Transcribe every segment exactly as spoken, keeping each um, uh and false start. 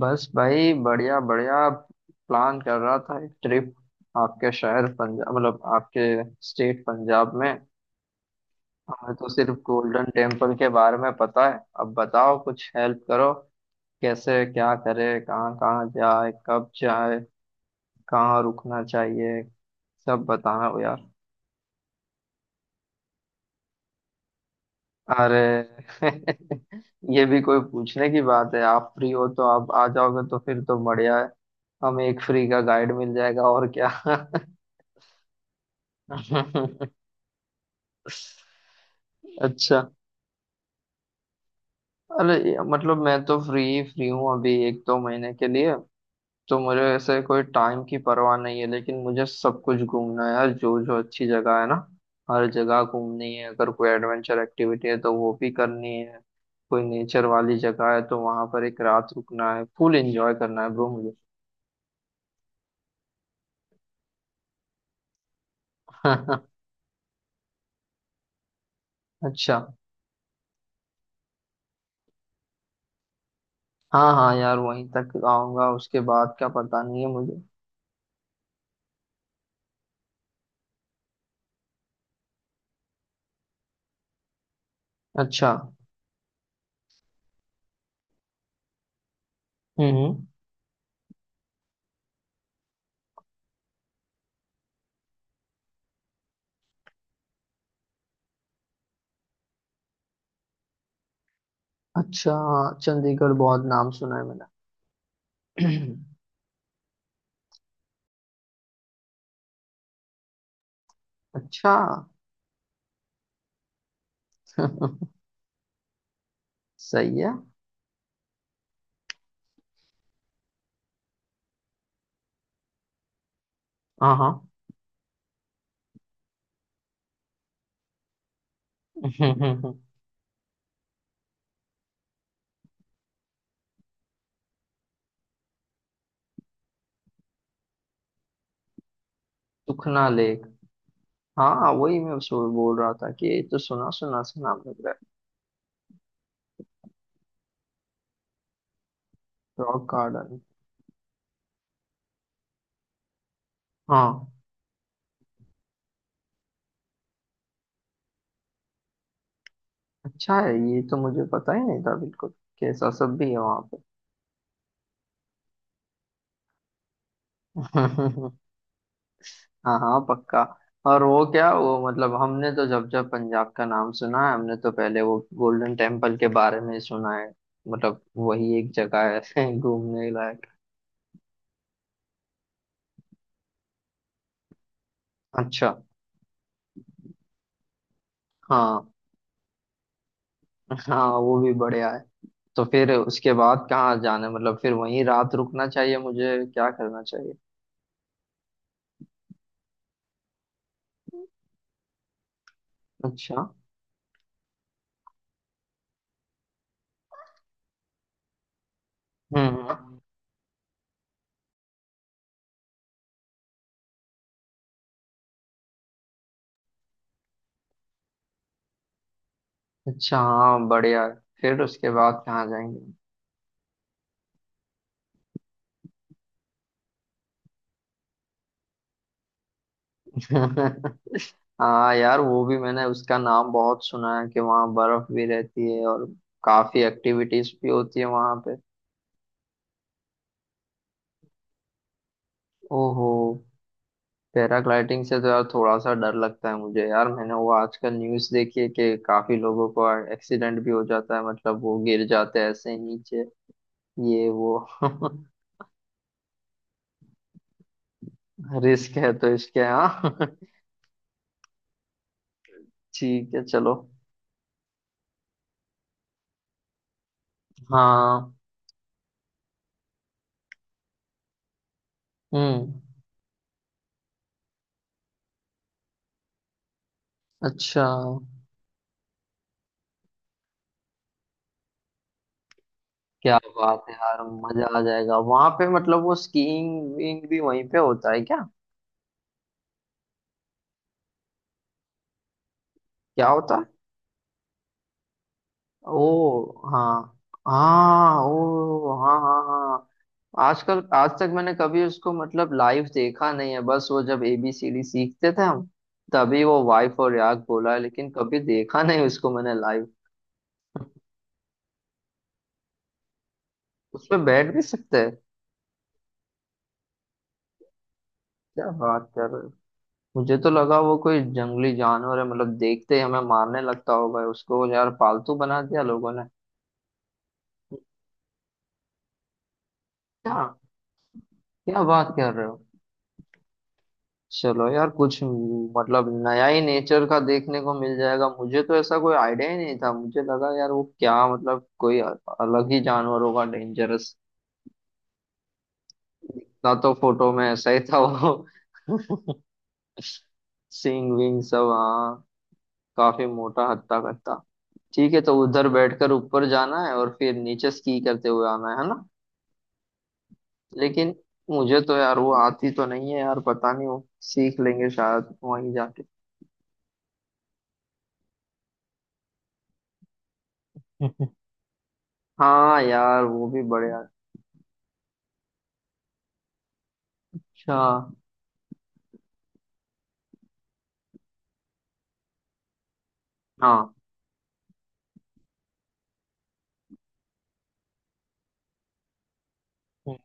बस भाई बढ़िया बढ़िया प्लान कर रहा था एक ट्रिप। आपके शहर पंजाब मतलब आपके स्टेट पंजाब में। हमें तो सिर्फ गोल्डन टेम्पल के बारे में पता है, अब बताओ कुछ हेल्प करो। कैसे क्या करे, कहाँ कहाँ जाए, कब जाए, कहाँ रुकना चाहिए, सब बताना हो यार। अरे ये भी कोई पूछने की बात है। आप फ्री हो तो आप आ जाओगे तो फिर तो बढ़िया है। हमें एक फ्री का गाइड मिल जाएगा और क्या। अच्छा। अरे ये- मतलब मैं तो फ्री फ्री हूँ अभी एक दो महीने के लिए। तो मुझे ऐसे कोई टाइम की परवाह नहीं है, लेकिन मुझे सब कुछ घूमना है यार, जो जो अच्छी जगह है ना, हर जगह घूमनी है। अगर कोई एडवेंचर एक्टिविटी है तो वो भी करनी है। कोई नेचर वाली जगह है तो वहां पर एक रात रुकना है, फुल एंजॉय करना है ब्रो मुझे। अच्छा। हाँ हाँ यार, वहीं तक आऊंगा, उसके बाद क्या पता नहीं है मुझे। अच्छा। हम्म। अच्छा। चंडीगढ़ बहुत नाम सुना है मैंने। अच्छा। सही है। हाँ हाँ। सुखना लेक। हाँ, वही मैं सो- बोल रहा था कि ये तो सुना सुना सा नाम लग रहा है। Rock Garden. हाँ। अच्छा है, ये तो मुझे पता ही नहीं था बिल्कुल। कैसा सब भी है वहाँ पे। हाँ हाँ पक्का। और वो क्या वो मतलब हमने तो, जब जब पंजाब का नाम सुना है, हमने तो पहले वो गोल्डन टेम्पल के बारे में सुना है। मतलब वही एक जगह है घूमने लायक। अच्छा। हाँ हाँ वो भी बढ़िया है। तो फिर उसके बाद कहाँ जाना है, मतलब फिर वहीं रात रुकना चाहिए, मुझे क्या करना चाहिए। अच्छा। हम्म। हम्म। अच्छा हाँ बढ़िया है। फिर उसके बाद कहाँ जाएंगे। हाँ यार, वो भी मैंने उसका नाम बहुत सुना है कि वहाँ बर्फ भी रहती है और काफी एक्टिविटीज भी होती है वहाँ पे। ओहो। पैराग्लाइडिंग से तो यार थोड़ा सा डर लगता है मुझे यार, मैंने वो आजकल न्यूज़ देखी है कि काफी लोगों को एक्सीडेंट भी हो जाता है, मतलब वो गिर जाते हैं ऐसे ही नीचे। ये वो रिस्क है तो इसके हाँ। ठीक है चलो। हाँ। हम्म। अच्छा। क्या बात है यार, मजा आ जाएगा वहां पे, मतलब वो स्कीइंग विंग भी वहीं पे होता है क्या। क्या होता है। ओ। हाँ। हाँ ओ हाँ हाँ हाँ। आजकल आज तक मैंने कभी उसको मतलब लाइव देखा नहीं है, बस वो जब ए बी सी डी सीखते थे हम, तभी वो वाइफ और याक बोला है, लेकिन कभी देखा नहीं उसको मैंने लाइव। उस पे बैठ भी सकते हैं। क्या बात कर रहे हो। मुझे तो लगा वो कोई जंगली जानवर है, मतलब देखते ही हमें मारने लगता होगा, उसको यार पालतू बना दिया लोगों ने। क्या। क्या बात कर रहे हो। चलो यार कुछ मतलब नया ही नेचर का देखने को मिल जाएगा, मुझे तो ऐसा कोई आइडिया ही नहीं था, मुझे लगा यार वो क्या मतलब कोई अ- अलग ही जानवर होगा डेंजरस। ना तो फोटो में ऐसा ही था वो। सींग विंग सब हाँ। काफी मोटा हत्ता कत्ता। ठीक है, तो उधर बैठकर ऊपर जाना है और फिर नीचे स्की करते हुए आना है है ना। लेकिन मुझे तो यार वो आती तो नहीं है यार, पता नहीं वो सीख लेंगे शायद वहीं जाके। हाँ यार वो भी बढ़िया। अच्छा। हाँ। हम्म।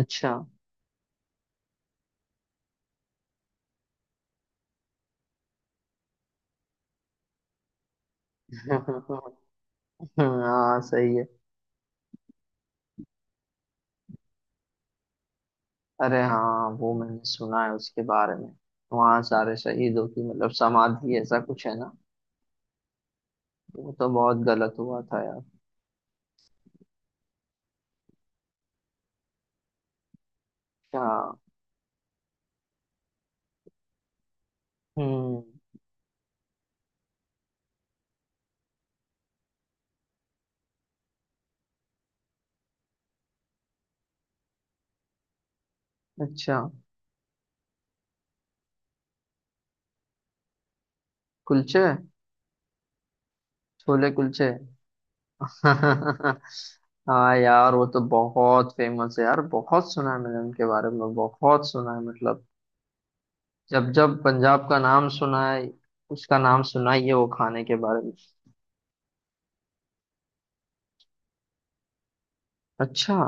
अच्छा। हाँ सही है। अरे हाँ वो मैंने सुना है उसके बारे में। वहाँ सारे शहीदों की मतलब समाधि ऐसा कुछ है ना। वो तो बहुत गलत हुआ था यार। अच्छा। हम्म। अच्छा। कुलचे। छोले कुलचे। हाँ यार वो तो बहुत फेमस है यार, बहुत सुना है मैंने उनके बारे में, बहुत सुना है मतलब। जब जब पंजाब का नाम सुना है, उसका नाम सुना ही है, वो खाने के बारे में। अच्छा।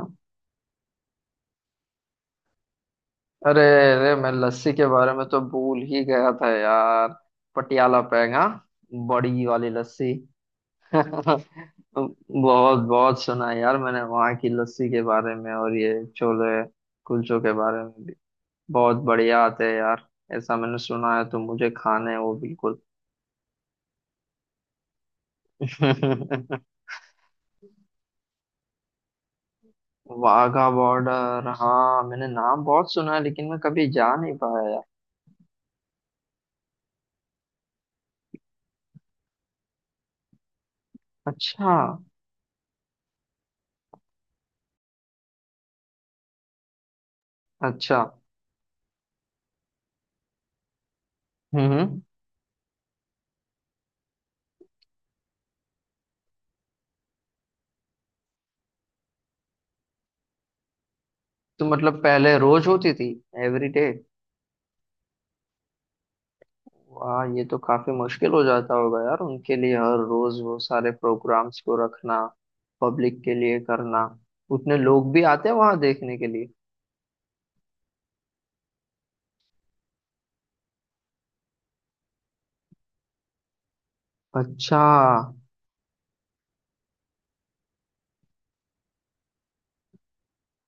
अरे। अरे मैं लस्सी के बारे में तो भूल ही गया था यार। पटियाला पेंगा। बड़ी वाली लस्सी। बहुत बहुत सुना है यार मैंने वहाँ की लस्सी के बारे में और ये छोले कुलचों के बारे में भी। बहुत बढ़िया आते हैं यार, ऐसा मैंने सुना है, तो मुझे खाने हैं वो बिल्कुल। वाघा बॉर्डर, हाँ मैंने नाम बहुत सुना है, लेकिन मैं कभी जा नहीं पाया यार। अच्छा। अच्छा। हम्म। तो मतलब पहले रोज होती थी। Every day. वाह, ये तो काफी मुश्किल हो जाता होगा यार उनके लिए हर रोज वो सारे प्रोग्राम्स को रखना, पब्लिक के लिए करना। उतने लोग भी आते हैं वहां देखने के लिए। अच्छा।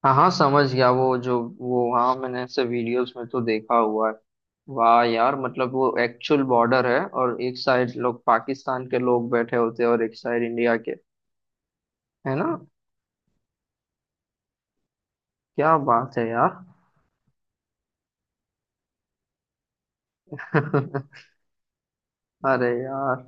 हाँ हाँ समझ गया, वो जो वो हाँ, मैंने ऐसे वीडियोस में तो देखा हुआ है। वाह यार, मतलब वो एक्चुअल बॉर्डर है और एक साइड लोग पाकिस्तान के लोग बैठे होते हैं और एक साइड इंडिया के। है ना। क्या बात है यार। अरे यार।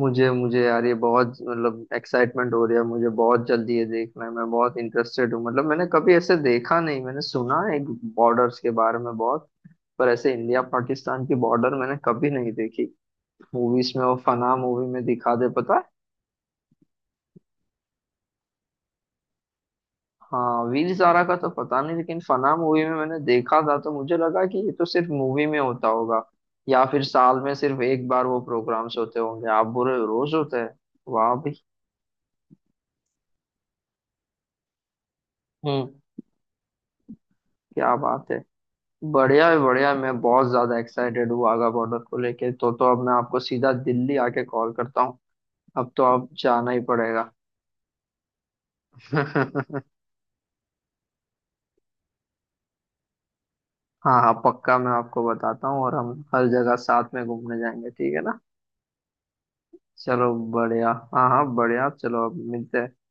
मुझे मुझे यार ये बहुत मतलब एक्साइटमेंट हो रही है, मुझे बहुत जल्दी ये देखना है, मैं बहुत इंटरेस्टेड हूँ, मतलब मैंने कभी ऐसे देखा नहीं। मैंने सुना है बॉर्डर्स के बारे में बहुत, पर ऐसे इंडिया पाकिस्तान की बॉर्डर मैंने कभी नहीं देखी। मूवीज में वो फना मूवी में दिखा दे पता है। हाँ वीर ज़ारा का तो पता नहीं, लेकिन फना मूवी में मैंने देखा था तो मुझे लगा कि ये तो सिर्फ मूवी में होता होगा, या फिर साल में सिर्फ एक बार वो प्रोग्राम्स होते होंगे, आप बुरे रोज होते हैं। वाह भाई। हम्म। क्या बात है। बढ़िया है बढ़िया, मैं बहुत ज्यादा एक्साइटेड हूँ वाघा बॉर्डर को लेके, तो तो अब मैं आपको सीधा दिल्ली आके कॉल करता हूँ। अब तो आप जाना ही पड़ेगा। हाँ हाँ पक्का मैं आपको बताता हूँ, और हम हर जगह साथ में घूमने जाएंगे, ठीक है ना। चलो बढ़िया, हाँ हाँ बढ़िया, चलो अब मिलते हैं।